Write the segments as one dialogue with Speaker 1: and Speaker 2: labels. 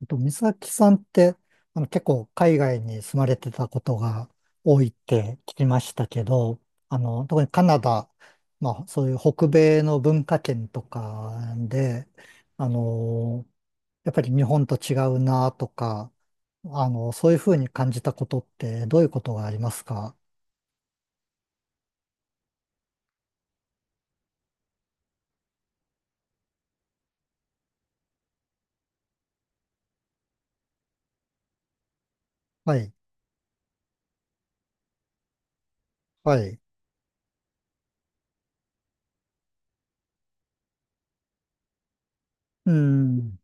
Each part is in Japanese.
Speaker 1: 美咲さんって、結構海外に住まれてたことが多いって聞きましたけど、特にカナダ、まあ、そういう北米の文化圏とかで、あの、やっぱり日本と違うなとか、そういうふうに感じたことってどういうことがありますか？はい。はい。うん。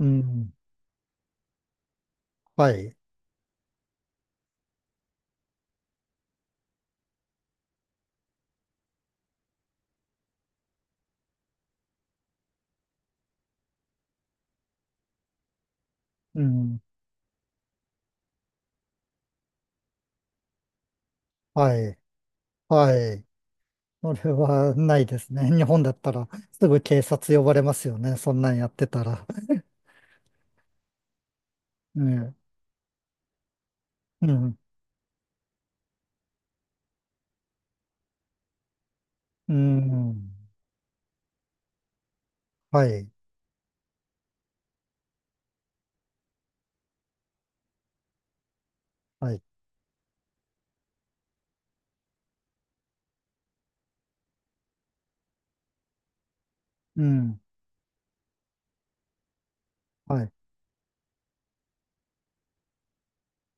Speaker 1: うん。はい。うん。はい。はい。それはないですね。日本だったらすぐ警察呼ばれますよね。そんなんやってたら。ねえ。うん。うん。はい。はい。うん。はい。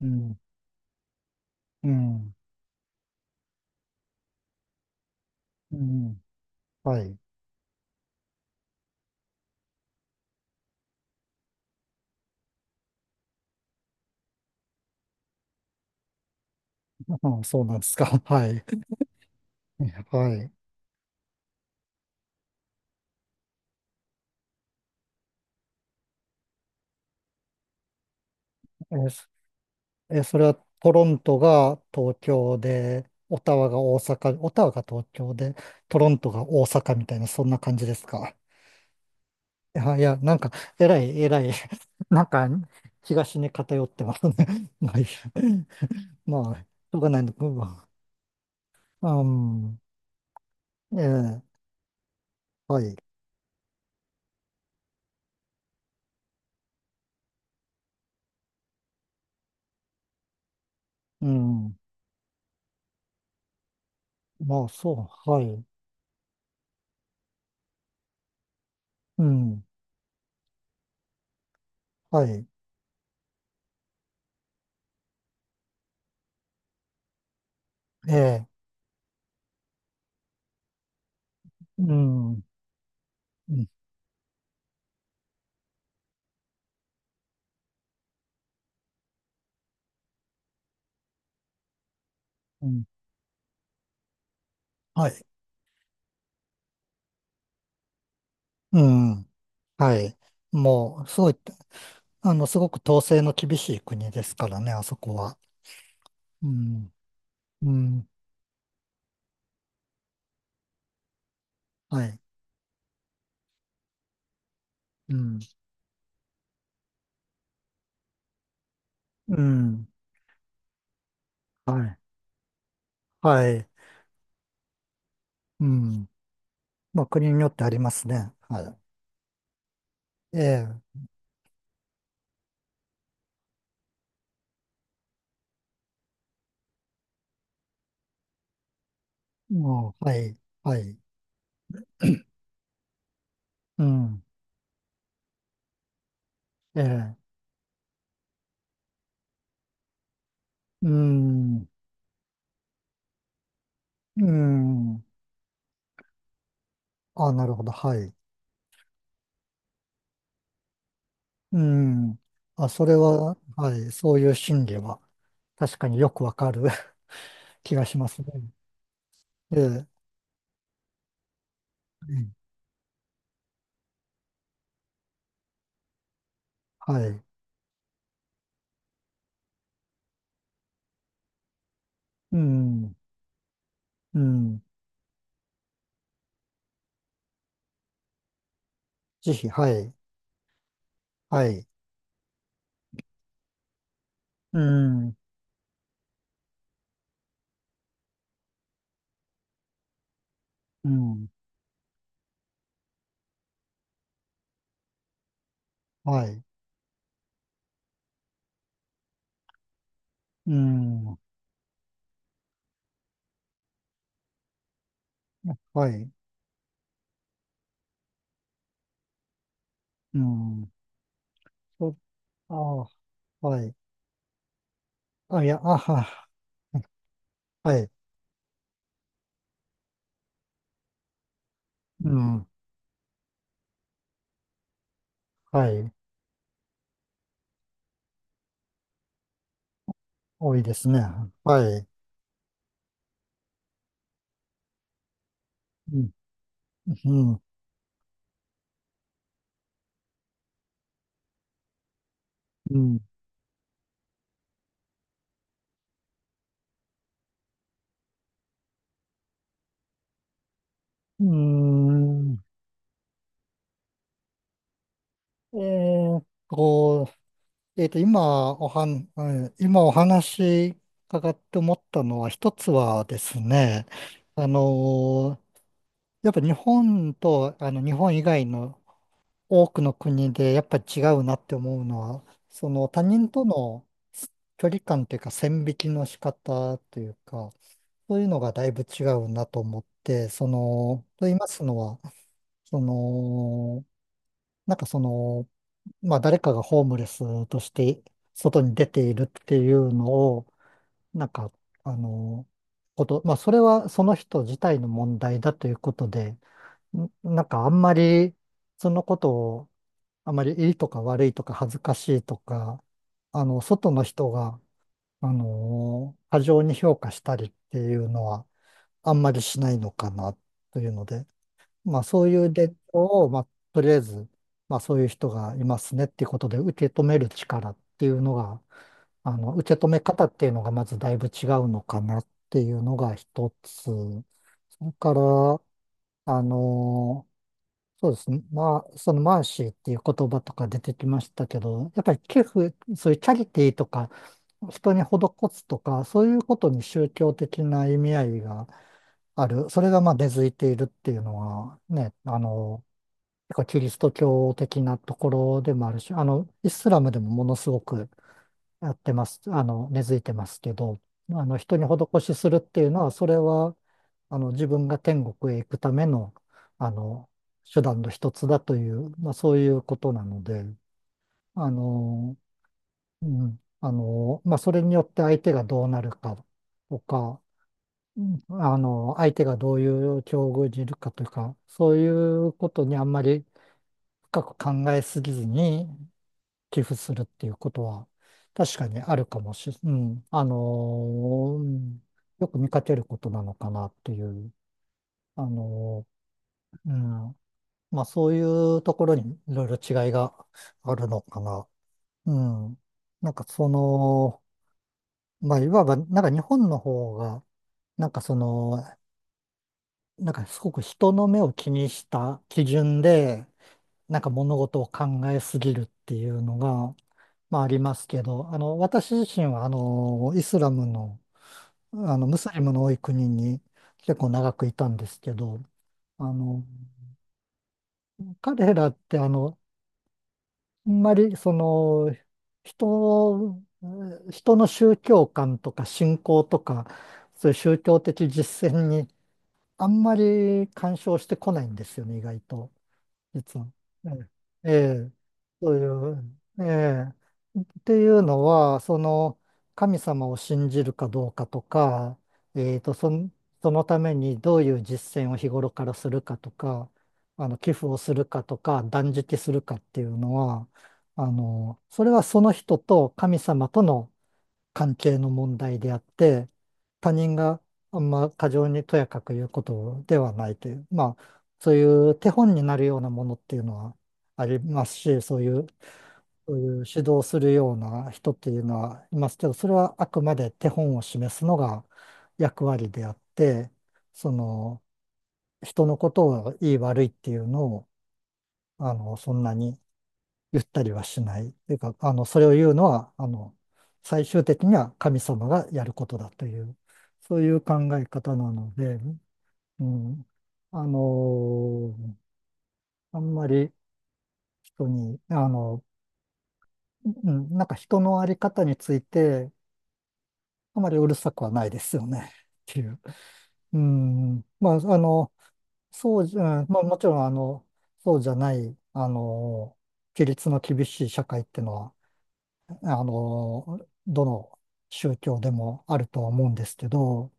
Speaker 1: うん。うん。うん。はい。ああ、そうなんですか。はい。はい。え、そえ、それはトロントが東京で、オタワが大阪、オタワが東京で、トロントが大阪みたいな、そんな感じですか？あ、いや、なんか、えらい、えらい、なんか、東に偏ってますね。まあ、いいや。 まあ、しょうがないのか。うん。うん。ええ。はい。うん、まあ、そう、はい。うん、はい。ええ。うん。うん。うんはい。うん、はい。もう、すごい、すごく統制の厳しい国ですからね、あそこは。うん。うん。はい。うん。うん。はい。はい。うんまあ、国によってありますね。はい。ええ。もう、はい、はい。うん、ええ、うん、うん。あ、なるほど、はい。うん。あ、それは、はい、そういう心理は、確かによくわかる 気がしますね。ええ。うんはい。うん、うん。ぜひ、はい、はい。うん、うん、はい。うん、はい。うん。そ、あ、はい。あ、いや、はい。うん。はい。多いですね。はい。うん。うん。うん。えーっと、今お話伺って思ったのは、一つはですね、あのーやっぱ日本と、日本以外の多くの国で、やっぱり違うなって思うのは、その他人との距離感というか、線引きの仕方というか、そういうのがだいぶ違うなと思って、と言いますのは、その、なんかまあ誰かがホームレスとして外に出ているっていうのを、なんか、あの、まあそれはその人自体の問題だということで、なんかあんまり、そのことを、あまりいいとか悪いとか恥ずかしいとか、外の人が、過剰に評価したりっていうのは、あんまりしないのかなというので、まあそういう伝統を、まあとりあえず、まあそういう人がいますねっていうことで受け止める力っていうのが、受け止め方っていうのがまずだいぶ違うのかなっていうのが一つ。それから、あの、そうですね。まあ、そのマーシーっていう言葉とか出てきましたけど、やっぱり寄付、そういうチャリティーとか、人に施すとか、そういうことに宗教的な意味合いがある、それがまあ根付いているっていうのはね、結構キリスト教的なところでもあるし、イスラムでもものすごくやってます、根付いてますけど、人に施しするっていうのは、それは、自分が天国へ行くための、あの、手段の一つだという、まあそういうことなので、あの、まあそれによって相手がどうなるかとか、相手がどういう境遇にいるかというか、そういうことにあんまり深く考えすぎずに寄付するっていうことは、確かにあるかもしれ、うん、うん、よく見かけることなのかなっていう、あのーうん、まあそういうところにいろいろ違いがあるのかな。うん、なんかその、まあいわば、なんか日本の方が、なんかその、なんかすごく人の目を気にした基準で、なんか物事を考えすぎるっていうのが、まあありますけど、私自身はイスラムの、ムスリムの多い国に結構長くいたんですけど、あの、彼らってあんまりその、人を、人の宗教観とか信仰とか、そういう宗教的実践にあんまり干渉してこないんですよね、意外と。実は。ええ。ええ、そういう、ええ、っていうのは、その神様を信じるかどうかとか、えーと、その、そのためにどういう実践を日頃からするかとか、寄付をするかとか、断食するかっていうのは、それはその人と神様との関係の問題であって、他人があんま過剰にとやかく言うことではないという、まあ、そういう手本になるようなものっていうのはありますし、そういう指導するような人っていうのはいますけど、それはあくまで手本を示すのが役割であって、その、人のことをいい悪いっていうのを、そんなに言ったりはしない。というか、それを言うのは、最終的には神様がやることだという、そういう考え方なので、うん、あのーあんまり人に、うん、なんか人のあり方について、あまりうるさくはないですよね。っていう。うん、まあ、あの、そうじゃ、うんまあ、もちろん、そうじゃない、規律の厳しい社会っていうのは、あの、どの宗教でもあるとは思うんですけど、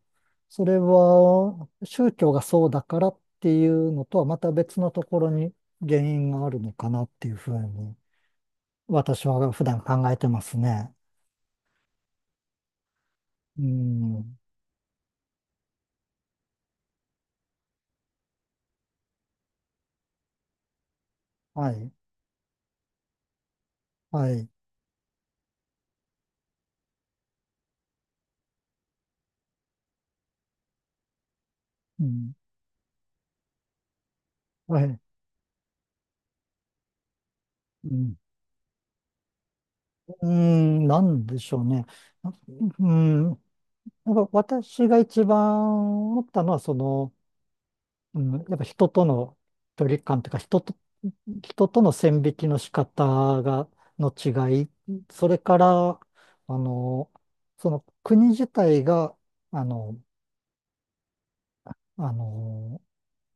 Speaker 1: それは宗教がそうだからっていうのとはまた別のところに原因があるのかなっていうふうに私は普段考えてますね。うん。はい。はい。うん。はい。うん。なんでしょうね。なうん。やっぱ私が一番思ったのは、その、うん、やっぱ人との距離感というか、人との線引きの仕方が、の違い、それから、の、その国自体が、あの、あの、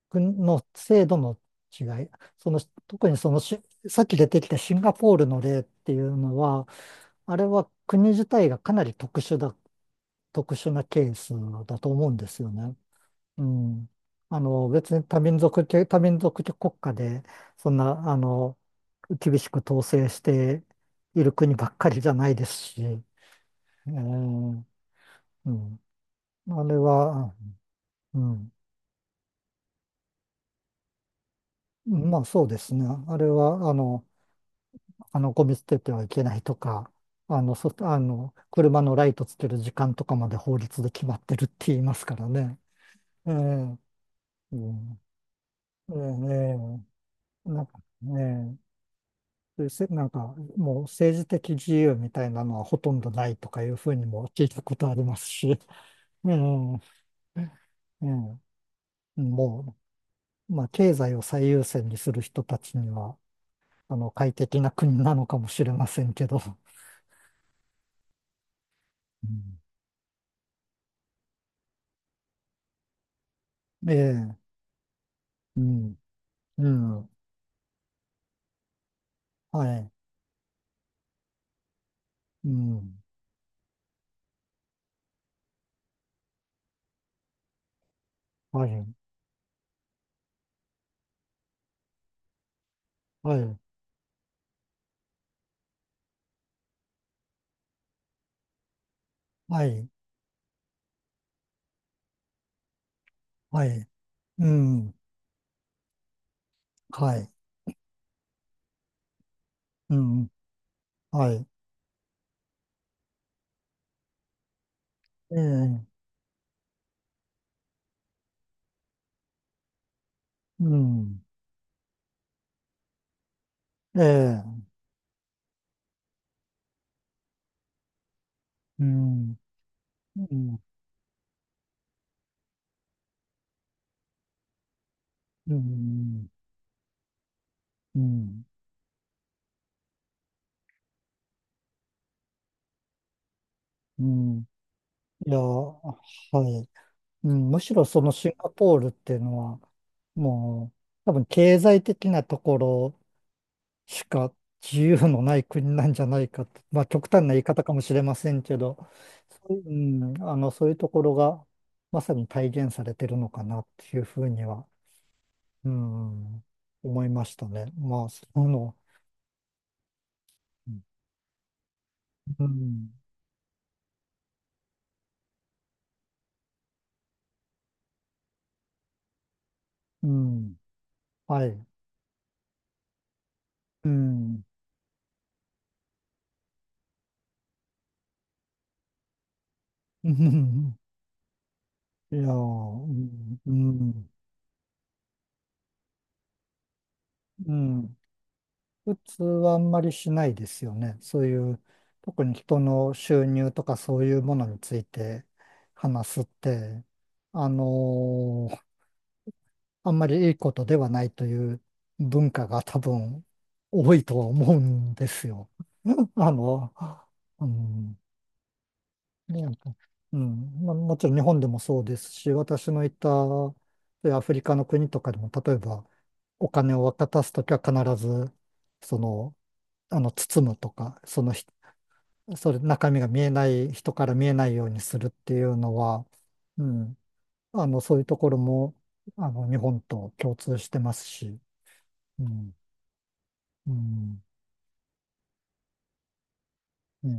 Speaker 1: 国の制度の違い、その、特にそのし、さっき出てきたシンガポールの例っていうのは、あれは国自体がかなり特殊だ、特殊なケースだと思うんですよね。うん。別に多民族国家で、そんな、厳しく統制している国ばっかりじゃないですし、ーうん。あれは、うん。まあそうですね。あれは、ゴミ捨ててはいけないとか、あの、そ、あの、車のライトつける時間とかまで法律で決まってるって言いますからね。えんうん。えーえねえなんかねそういうせなんか、もう政治的自由みたいなのはほとんどないとかいうふうにも聞いたことありますし、うん。うん。もう、まあ、経済を最優先にする人たちには、快適な国なのかもしれませんけど、うん。ええ、うん、うん、はい、うん、はい、はい、はい、はい、うん、はい、うん、はい、ええ、うん、ええ、うん、うん、うん、うん。うん。いや、はい。うん、むしろそのシンガポールっていうのは、もう、多分経済的なところしか自由のない国なんじゃないかと、まあ極端な言い方かもしれませんけど、そういう、うん、そういうところがまさに体現されてるのかなっていうふうには、うん、思いましたね。まあ、うん、うん、はい、うん、うんいやー、うん、うん、うん。普通はあんまりしないですよね。そういう、特に人の収入とかそういうものについて話すって、あのーあんまりいいことではないという文化が多分多いとは思うんですよ。あの、うん、ね、なんかうん、まあ、もちろん日本でもそうですし、私のいたそういうアフリカの国とかでも、例えばお金を渡すときは必ず、その、包むとか、そのひ、それ、中身が見えない、人から見えないようにするっていうのは、うん、そういうところも、日本と共通してますし、うん、うん、ね